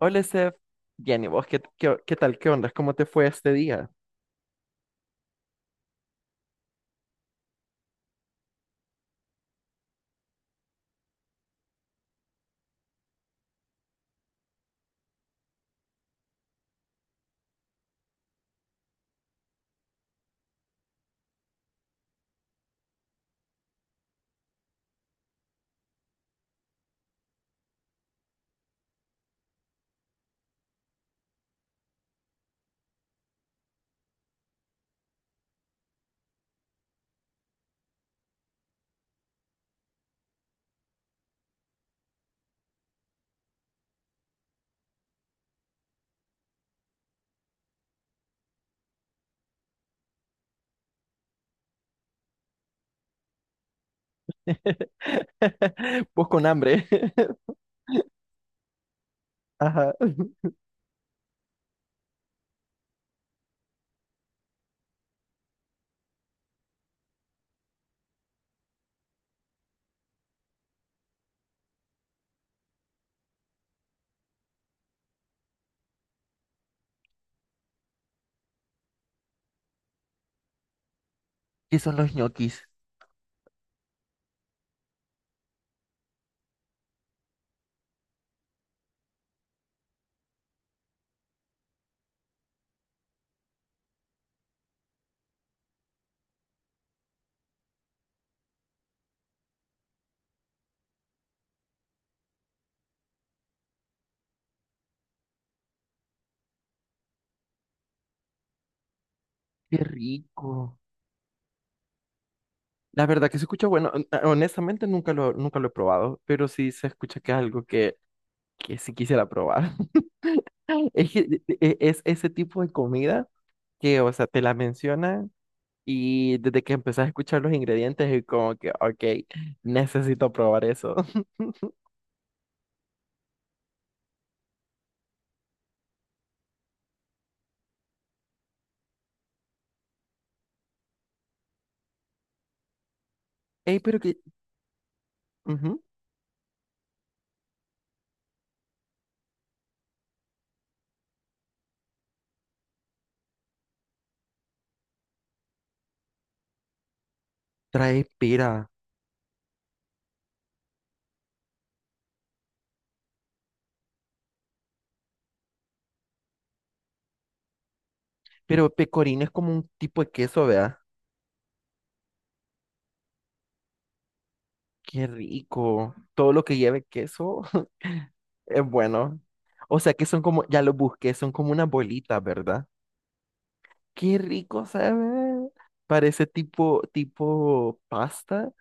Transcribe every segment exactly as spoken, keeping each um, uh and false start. Hola, Sef. Bien, ¿y vos qué, qué, qué tal? ¿Qué onda? ¿Cómo te fue este día? Vos con hambre. Ajá. ¿Qué son los ñoquis? Qué rico. La verdad que se escucha bueno. hon- Honestamente, nunca lo, nunca lo he probado, pero sí se escucha que es algo que, que sí quisiera probar. Es que de- de- e- es ese tipo de comida que, o sea, te la mencionan y desde que empezás a escuchar los ingredientes es como que, ok, necesito probar eso. Ey, pero que ujú, trae pera. Pero pecorino es como un tipo de queso, ¿verdad? Qué rico. Todo lo que lleve queso es bueno. O sea que son como, ya lo busqué, son como una bolita, ¿verdad? Qué rico se ve. Parece tipo, tipo pasta.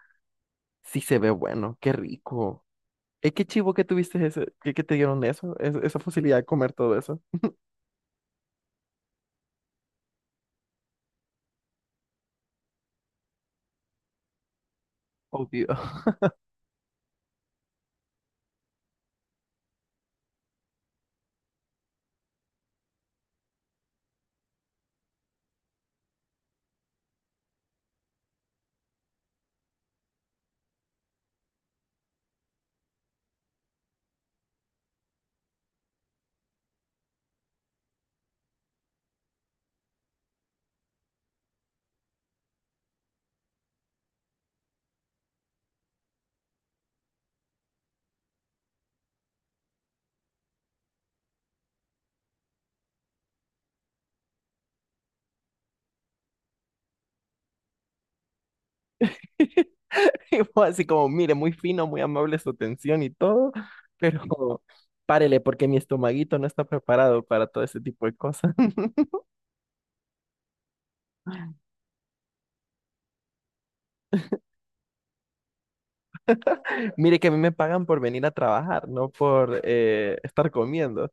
Sí se ve bueno, qué rico. Es qué chivo que tuviste ese, que, que te dieron eso, es- esa facilidad de comer todo eso. Obvio. Y vos así como, mire, muy fino, muy amable su atención y todo, pero párele porque mi estomaguito no está preparado para todo ese tipo de cosas. Mire que a mí me pagan por venir a trabajar, no por eh, estar comiendo.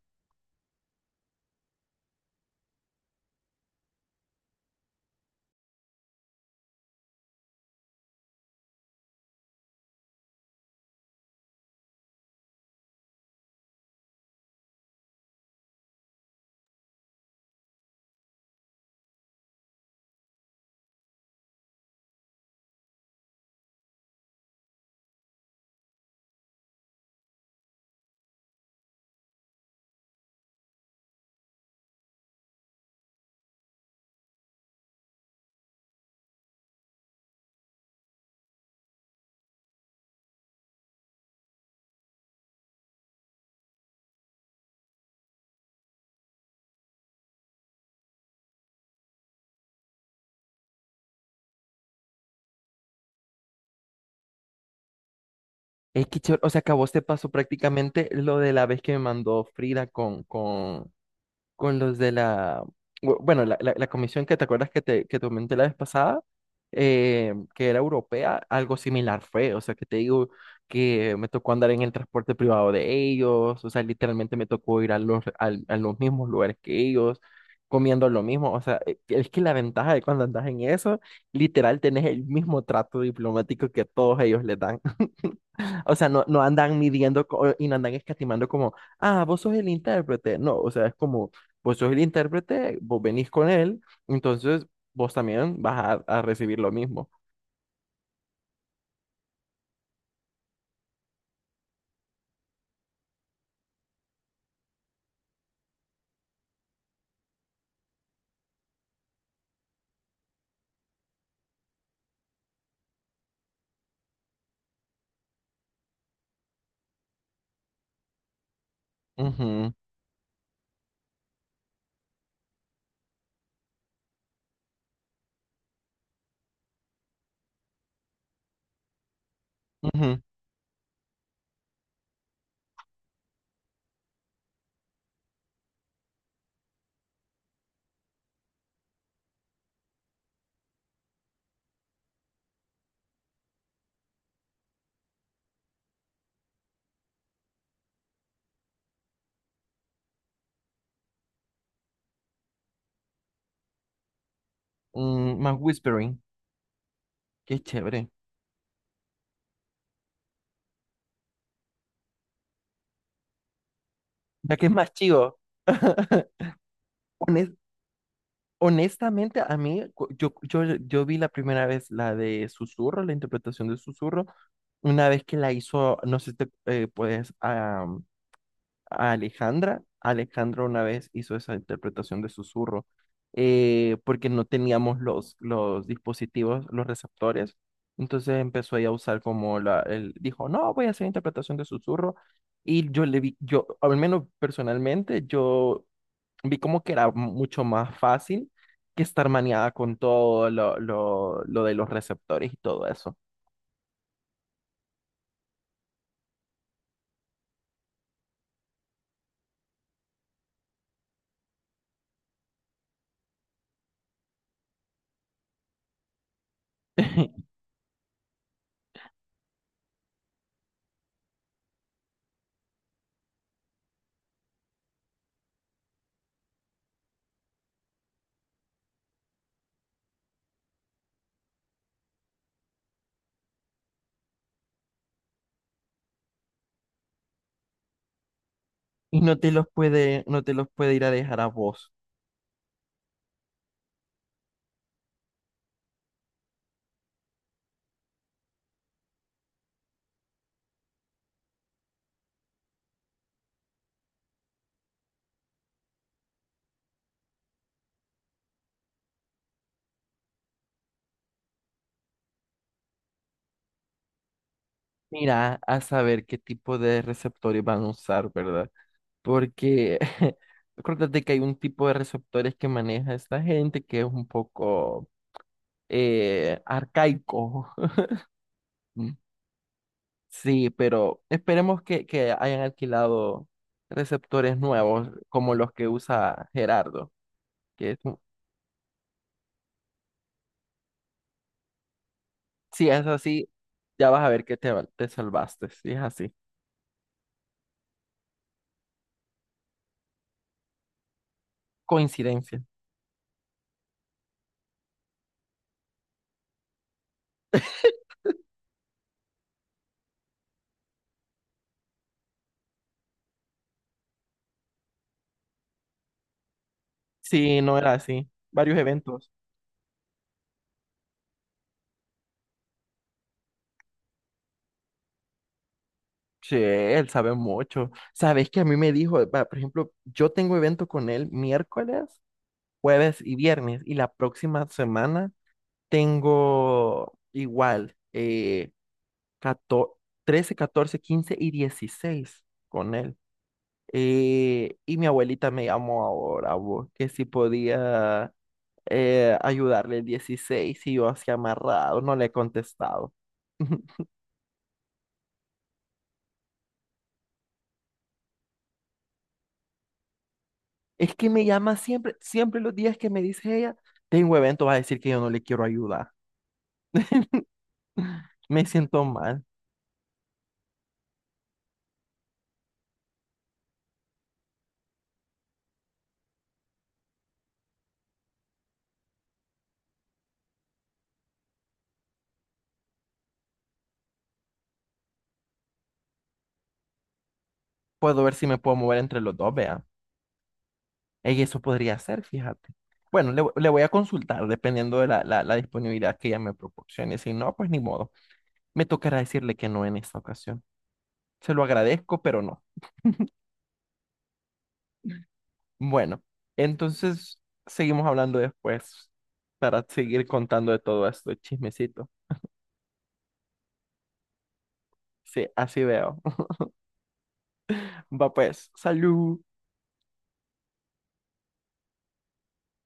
Es que, chévere, o sea, que a vos te pasó prácticamente lo de la vez que me mandó Frida con, con, con los de la, bu- bueno, la, la, la comisión que te acuerdas que te, que te comenté la vez pasada, eh, que era europea, algo similar fue, o sea, que te digo que me tocó andar en el transporte privado de ellos, o sea, literalmente me tocó ir a los, al- a los mismos lugares que ellos, comiendo lo mismo, o sea, e- es que la ventaja de cuando andas en eso, literal, tenés el mismo trato diplomático que a todos ellos le dan. O sea, no, no andan midiendo co- y no andan escatimando como, ah, vos sos el intérprete. No, o sea, es como, vos sos el intérprete, vos venís con él, entonces vos también vas a, a recibir lo mismo. Ujú, ujú, mm, más whispering, qué chévere. Ya que es más chivo. Hones- honestamente, a mí, cu- yo, yo, yo vi la primera vez la de Susurro, la interpretación de Susurro, una vez que la hizo, no sé si te eh, puedes Alejandra. Alejandra una vez hizo esa interpretación de susurro eh, porque no teníamos los, los dispositivos, los receptores. Entonces empezó ella a usar como la, el, dijo, no, voy a hacer interpretación de susurro. Y yo le vi, yo, al menos personalmente, yo vi como que era mucho más fácil que estar maniada con todo lo, lo, lo de los receptores y todo eso. Y no te los puede, no te los puede ir a dejar a vos. Mira, a saber qué tipo de receptores van a usar, ¿verdad? Porque acuérdate que hay un tipo de receptores que maneja esta gente que es un poco eh, arcaico. Mm. Sí, pero esperemos que, que hayan alquilado receptores nuevos como los que usa Gerardo. Que es un- si es así, ya vas a ver que te, te salvaste, si es así. Coincidencia. Sí, no era así. Varios eventos. Sí, él sabe mucho. Sabes que a mí me dijo, va, por ejemplo, yo tengo evento con él miércoles, jueves y viernes, y la próxima semana tengo igual eh, catorce trece, catorce, quince y dieciséis con él. Eh, y mi abuelita me llamó ahora, vos, que si podía eh, ayudarle el dieciséis y yo así amarrado, no le he contestado. Es que me llama siempre, siempre los días que me dice ella, tengo evento, va a decir que yo no le quiero ayudar. Me siento mal. Puedo ver si me puedo mover entre los dos, vea. Ey, eso podría ser, fíjate. Bueno, le, vo- le voy a consultar dependiendo de la, la, la disponibilidad que ella me proporcione. Si no, pues ni modo. Me tocará decirle que no en esta ocasión. Se lo agradezco, pero no. Bueno, entonces seguimos hablando después para seguir contando de todo esto, chismecito. Sí, así veo. Va pues, salud.